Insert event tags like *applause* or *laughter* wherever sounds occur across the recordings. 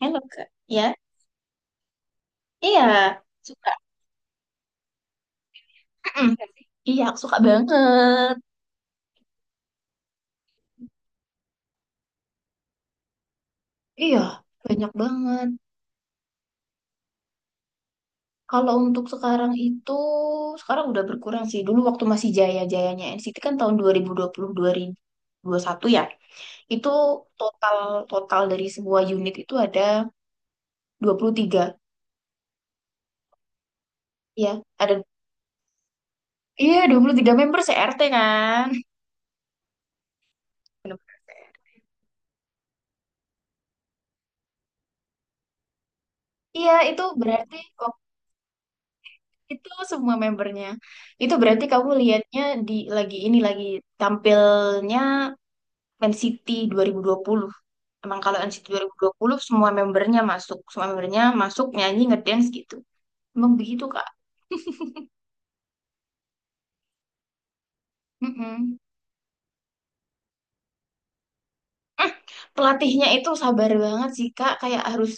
Hello Kak. Ya, iya suka. Mm-mm. Iya, aku suka banget. Iya, banyak banget. Kalau untuk sekarang itu, sekarang udah berkurang sih. Dulu waktu masih jaya-jayanya NCT kan tahun dua dua dua puluh dua ribu ribu puluh puluh satu ya. Itu total total dari semua unit itu ada 23. Iya, ada iya 23 member CRT kan. *laughs* Bener. Iya, itu berarti... Itu semua membernya. Itu berarti kamu lihatnya di lagi ini lagi tampilnya Man City 2020. Emang kalau Man City 2020 semua membernya masuk nyanyi ngedance gitu. Emang begitu Kak. Mm-mm. Eh, Pelatihnya itu sabar banget sih Kak, kayak harus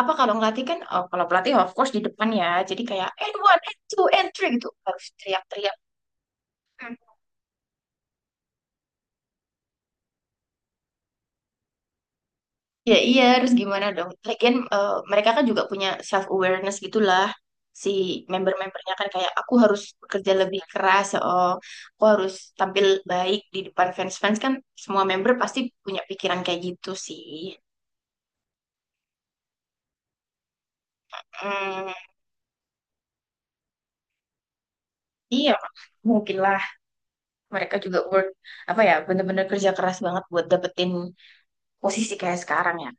apa kalau ngelatih kan. Oh, kalau pelatih of course di depan ya. Jadi kayak and one, and two, and three gitu harus teriak-teriak. Hmm. Ya iya, harus gimana dong? Lagian mereka kan juga punya self awareness gitulah, si member-membernya kan kayak aku harus bekerja lebih keras, ya oh, aku harus tampil baik di depan fans-fans kan, semua member pasti punya pikiran kayak gitu sih. Hmm, iya, mungkinlah mereka juga work, apa ya, bener-bener kerja keras banget buat dapetin posisi kayak sekarang ya.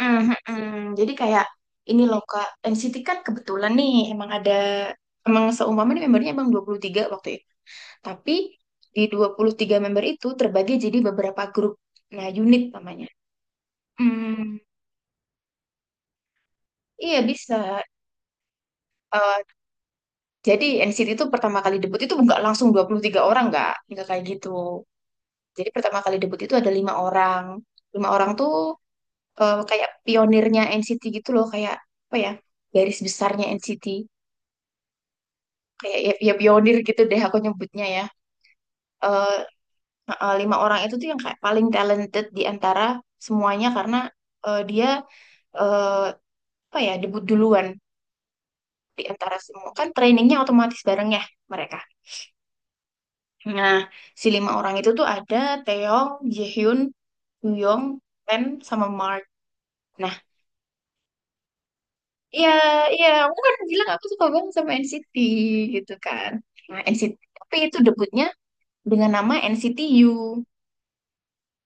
Mm, mm, mm. Jadi kayak ini loh Kak, NCT kan kebetulan nih emang ada, emang seumpama nih membernya emang 23 waktu itu. Tapi di 23 member itu terbagi jadi beberapa grup. Nah, unit namanya. Hmm, iya bisa. Eh, jadi NCT itu pertama kali debut itu nggak langsung 23 orang, nggak kayak gitu. Jadi pertama kali debut itu ada 5 orang. 5 orang tuh kayak pionirnya NCT gitu loh, kayak apa ya? Garis besarnya NCT. Kayak ya, ya pionir gitu deh aku nyebutnya ya. Lima orang itu tuh yang kayak paling talented di antara semuanya, karena dia, eh, apa ya, debut duluan di antara semua, kan trainingnya otomatis bareng ya mereka. Nah, si 5 orang itu tuh ada Taeyong, Jaehyun, Yong, Pen, sama Mark. Nah, iya, iya, aku kan bilang aku suka banget sama NCT gitu kan. Nah NCT, tapi itu debutnya dengan nama NCT U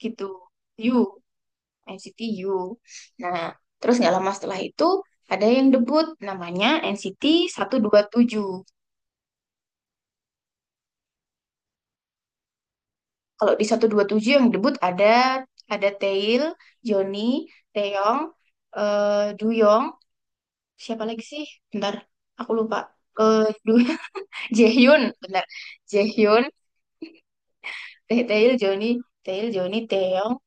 gitu. U. NCT U. Nah, terus nggak lama setelah itu ada yang debut namanya NCT tujuh. Kalau di satu dua tujuh yang debut ada Tail, Johnny, Taeyong, Duyong, siapa lagi sih? Bentar, aku lupa. Eh Du *laughs* Jaehyun, bentar. Jaehyun, Tail, Johnny, Tail, Johnny, Taeyong,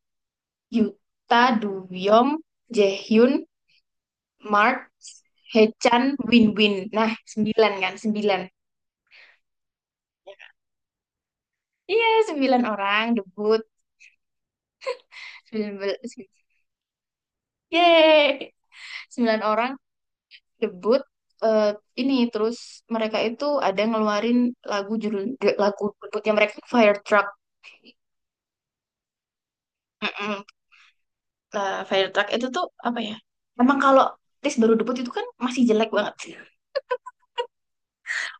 Yuta, Duyong, Jaehyun, Mark, Hechan, Win-Win. Nah, sembilan kan, sembilan. Iya, 9 orang debut. Sembilan, bel- Yeay. 9 orang debut. eh, ini terus mereka itu ada ngeluarin lagu, judul lagu debutnya mereka Fire Truck. Mm-mm. Nah, Fire Truck itu tuh apa ya? Emang kalau Tis baru debut itu kan masih jelek banget.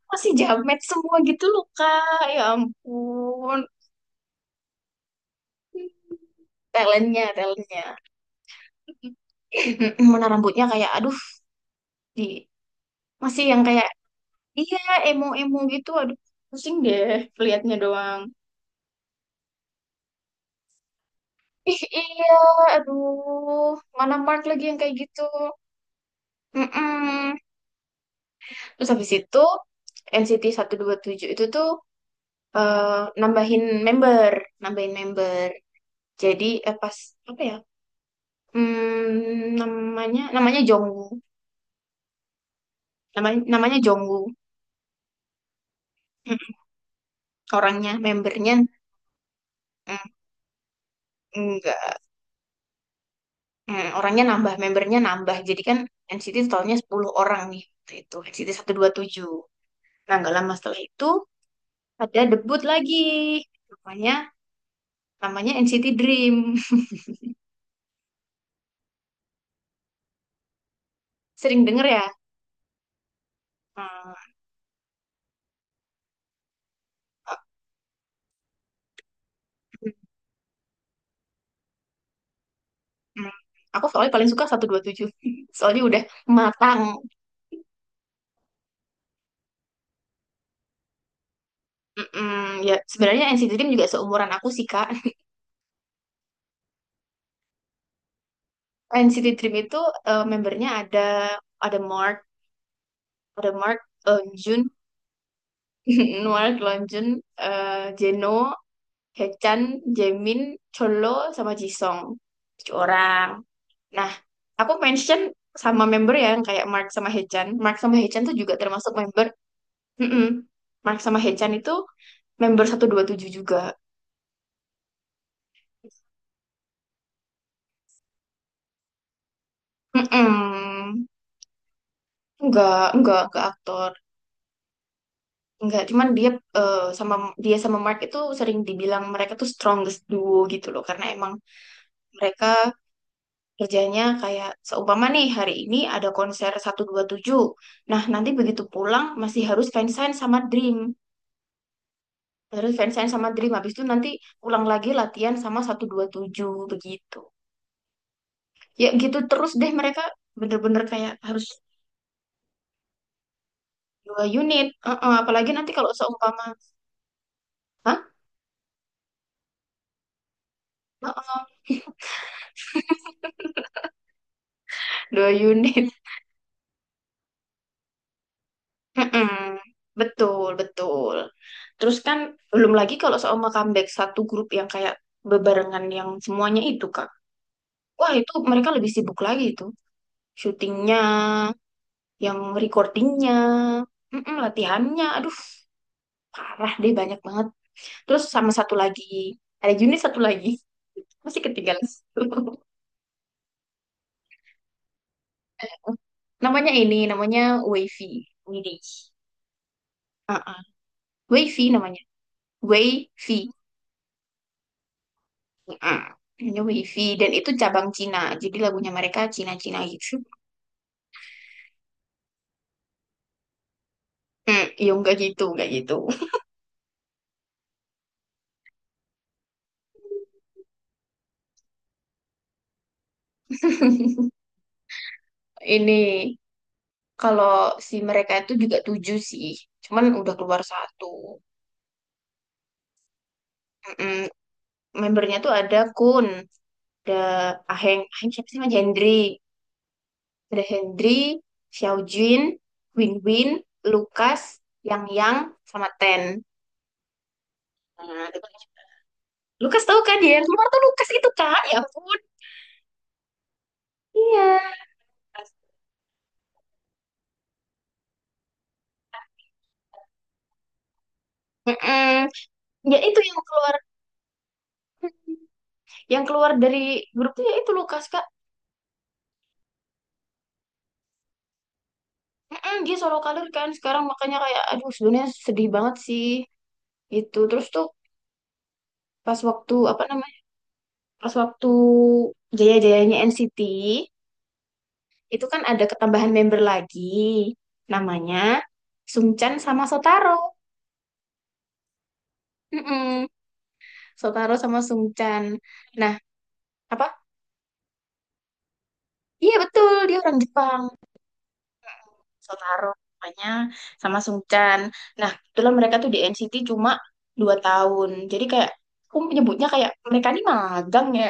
Masih jamet semua gitu loh, Kak. Ya ampun. Talentnya, talentnya. *laughs* Mana rambutnya kayak aduh di masih yang kayak... Iya, emo-emo gitu. Aduh, pusing deh kelihatnya doang. Ih, iya, aduh. Mana Mark lagi yang kayak gitu? Mm-mm. Terus habis itu, NCT tujuh itu tuh eh, nambahin member. Nambahin member. Jadi, pas, apa ya? Hmm, namanya Jongwoo. Namanya Jongwoo. Mm. Orangnya, membernya. Mm, enggak. Hmm, orangnya nambah, membernya nambah. Jadi kan NCT totalnya 10 orang nih. Waktu itu NCT 127. Nah, gak lama setelah itu ada debut lagi. Namanya Namanya NCT Dream. *laughs* Sering denger ya? Hmm, aku hmm. Aku soalnya paling suka 127. *laughs* Soalnya udah matang. Mm-mm, ya sebenarnya NCT Dream juga seumuran aku sih, Kak. *laughs* NCT Dream itu membernya ada, ada Mark, ada Mark, Jun, *laughs* Mark, Lonjun, eh, Jeno, Hechan, Jaemin, Cholo, sama Jisung. 7 orang. Nah, aku mention sama member ya, yang kayak Mark sama Hechan. Mark sama Hechan tuh juga termasuk member. Mm-mm. Mark sama Hechan itu member 127 juga. Mm-mm. Enggak aktor. Enggak, cuman dia eh, sama dia sama Mark itu sering dibilang mereka tuh strongest duo gitu loh, karena emang mereka kerjanya kayak seumpama nih hari ini ada konser 127. Nah, nanti begitu pulang masih harus fansign sama Dream. Harus fansign sama Dream. Habis itu nanti pulang lagi latihan sama 127 begitu. Ya gitu terus deh mereka bener-bener kayak harus 2 unit. Heeh, apalagi nanti kalau seumpama... Hah? Heeh, 2 unit. *laughs* Heeh. Betul, betul. Terus kan belum lagi kalau seumpama comeback satu grup yang kayak bebarengan yang semuanya itu. Wah, itu mereka lebih sibuk lagi itu. Syutingnya, yang recordingnya, mm-mm, latihannya. Aduh, parah deh banyak banget. Terus sama satu lagi, ada unit satu lagi. *laughs* Masih ketinggalan satu. *laughs* Namanya Wavy. Widi. Uh-uh. Wavy namanya. Wavy. Uh, Namanya Wavy. Dan itu cabang Cina. Jadi lagunya mereka Cina-Cina gitu. Hmm, iya enggak gitu, enggak gitu. *laughs* Ini kalau si mereka itu juga tujuh sih, cuman udah keluar satu. Mm-mm. Membernya tuh ada Kun, ada Aheng, Aheng siapa sih? Mas Hendry, ada Hendry, Xiaojun, Win Win, Lukas, Yang, sama Ten. Nah, itu kan- Lukas tahu kan, dia yang keluar tuh Lukas itu kan? Ya ampun. Iya. Mm-mm. Ya itu yang keluar dari grupnya ya itu Lukas Kak. Mm-mm, dia solo karir kan sekarang, makanya kayak aduh sebenarnya sedih banget sih. Itu terus tuh pas waktu apa namanya? Pas waktu jaya-jayanya NCT itu kan ada ketambahan member lagi namanya Sungchan sama Sotaro. Mm-mm. Sotaro sama Sungchan. Nah, apa? Iya betul, dia orang Jepang. Sotaro namanya sama Sungchan. Nah, kebetulan mereka tuh di NCT cuma 2 tahun. Jadi kayak aku menyebutnya kayak mereka ini magang ya.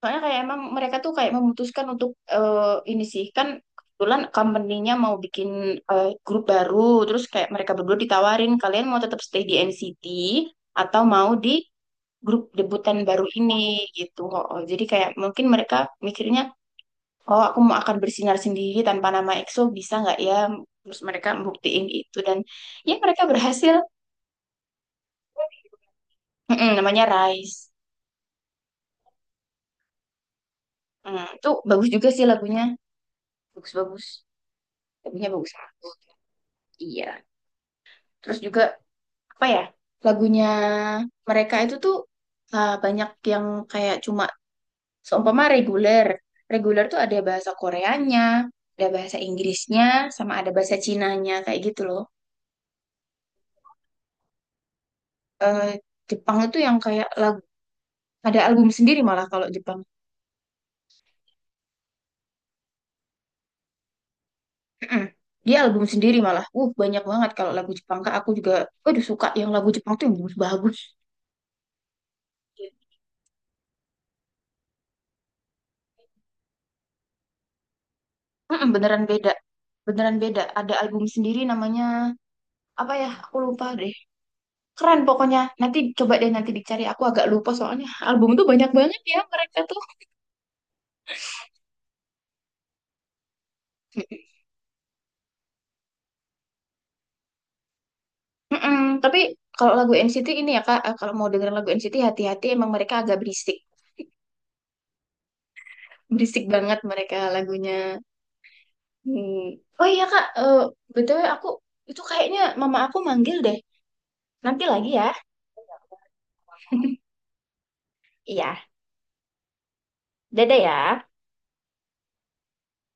Soalnya kayak emang mereka tuh kayak memutuskan untuk ini sih kan kebetulan company-nya mau bikin grup baru, terus kayak mereka berdua ditawarin kalian mau tetap stay di NCT atau mau di grup debutan baru ini gitu. Oh, jadi kayak mungkin mereka mikirnya oh aku mau akan bersinar sendiri tanpa nama EXO bisa nggak ya? Terus mereka buktiin itu dan ya mereka berhasil. Mm-mm, namanya Rise. Mm, itu bagus juga sih lagunya. Bagus-bagus. Lagunya bagus banget. Iya. Terus juga apa ya lagunya mereka itu tuh banyak yang kayak cuma seumpama reguler. Reguler tuh ada bahasa Koreanya, ada bahasa Inggrisnya, sama ada bahasa Cinanya kayak gitu loh. Eh, Jepang itu yang kayak lagu ada album sendiri malah kalau Jepang. Mm-mm. Dia album sendiri malah. Banyak banget kalau lagu Jepang. Kak, aku juga aduh suka yang lagu Jepang tuh yang bagus-bagus. Mm-mm, beneran beda. Beneran beda. Ada album sendiri namanya apa ya? Aku lupa deh. Keren pokoknya. Nanti coba deh nanti dicari. Aku agak lupa soalnya album tuh banyak banget ya mereka tuh. Mm-mm. Tapi kalau lagu NCT ini ya Kak, kalau mau dengerin lagu NCT hati-hati emang mereka agak berisik. Berisik banget mereka lagunya. Hmm. Oh iya Kak, BTW aku itu kayaknya mama aku manggil deh. Nanti lagi ya. *laughs* Iya, dadah ya.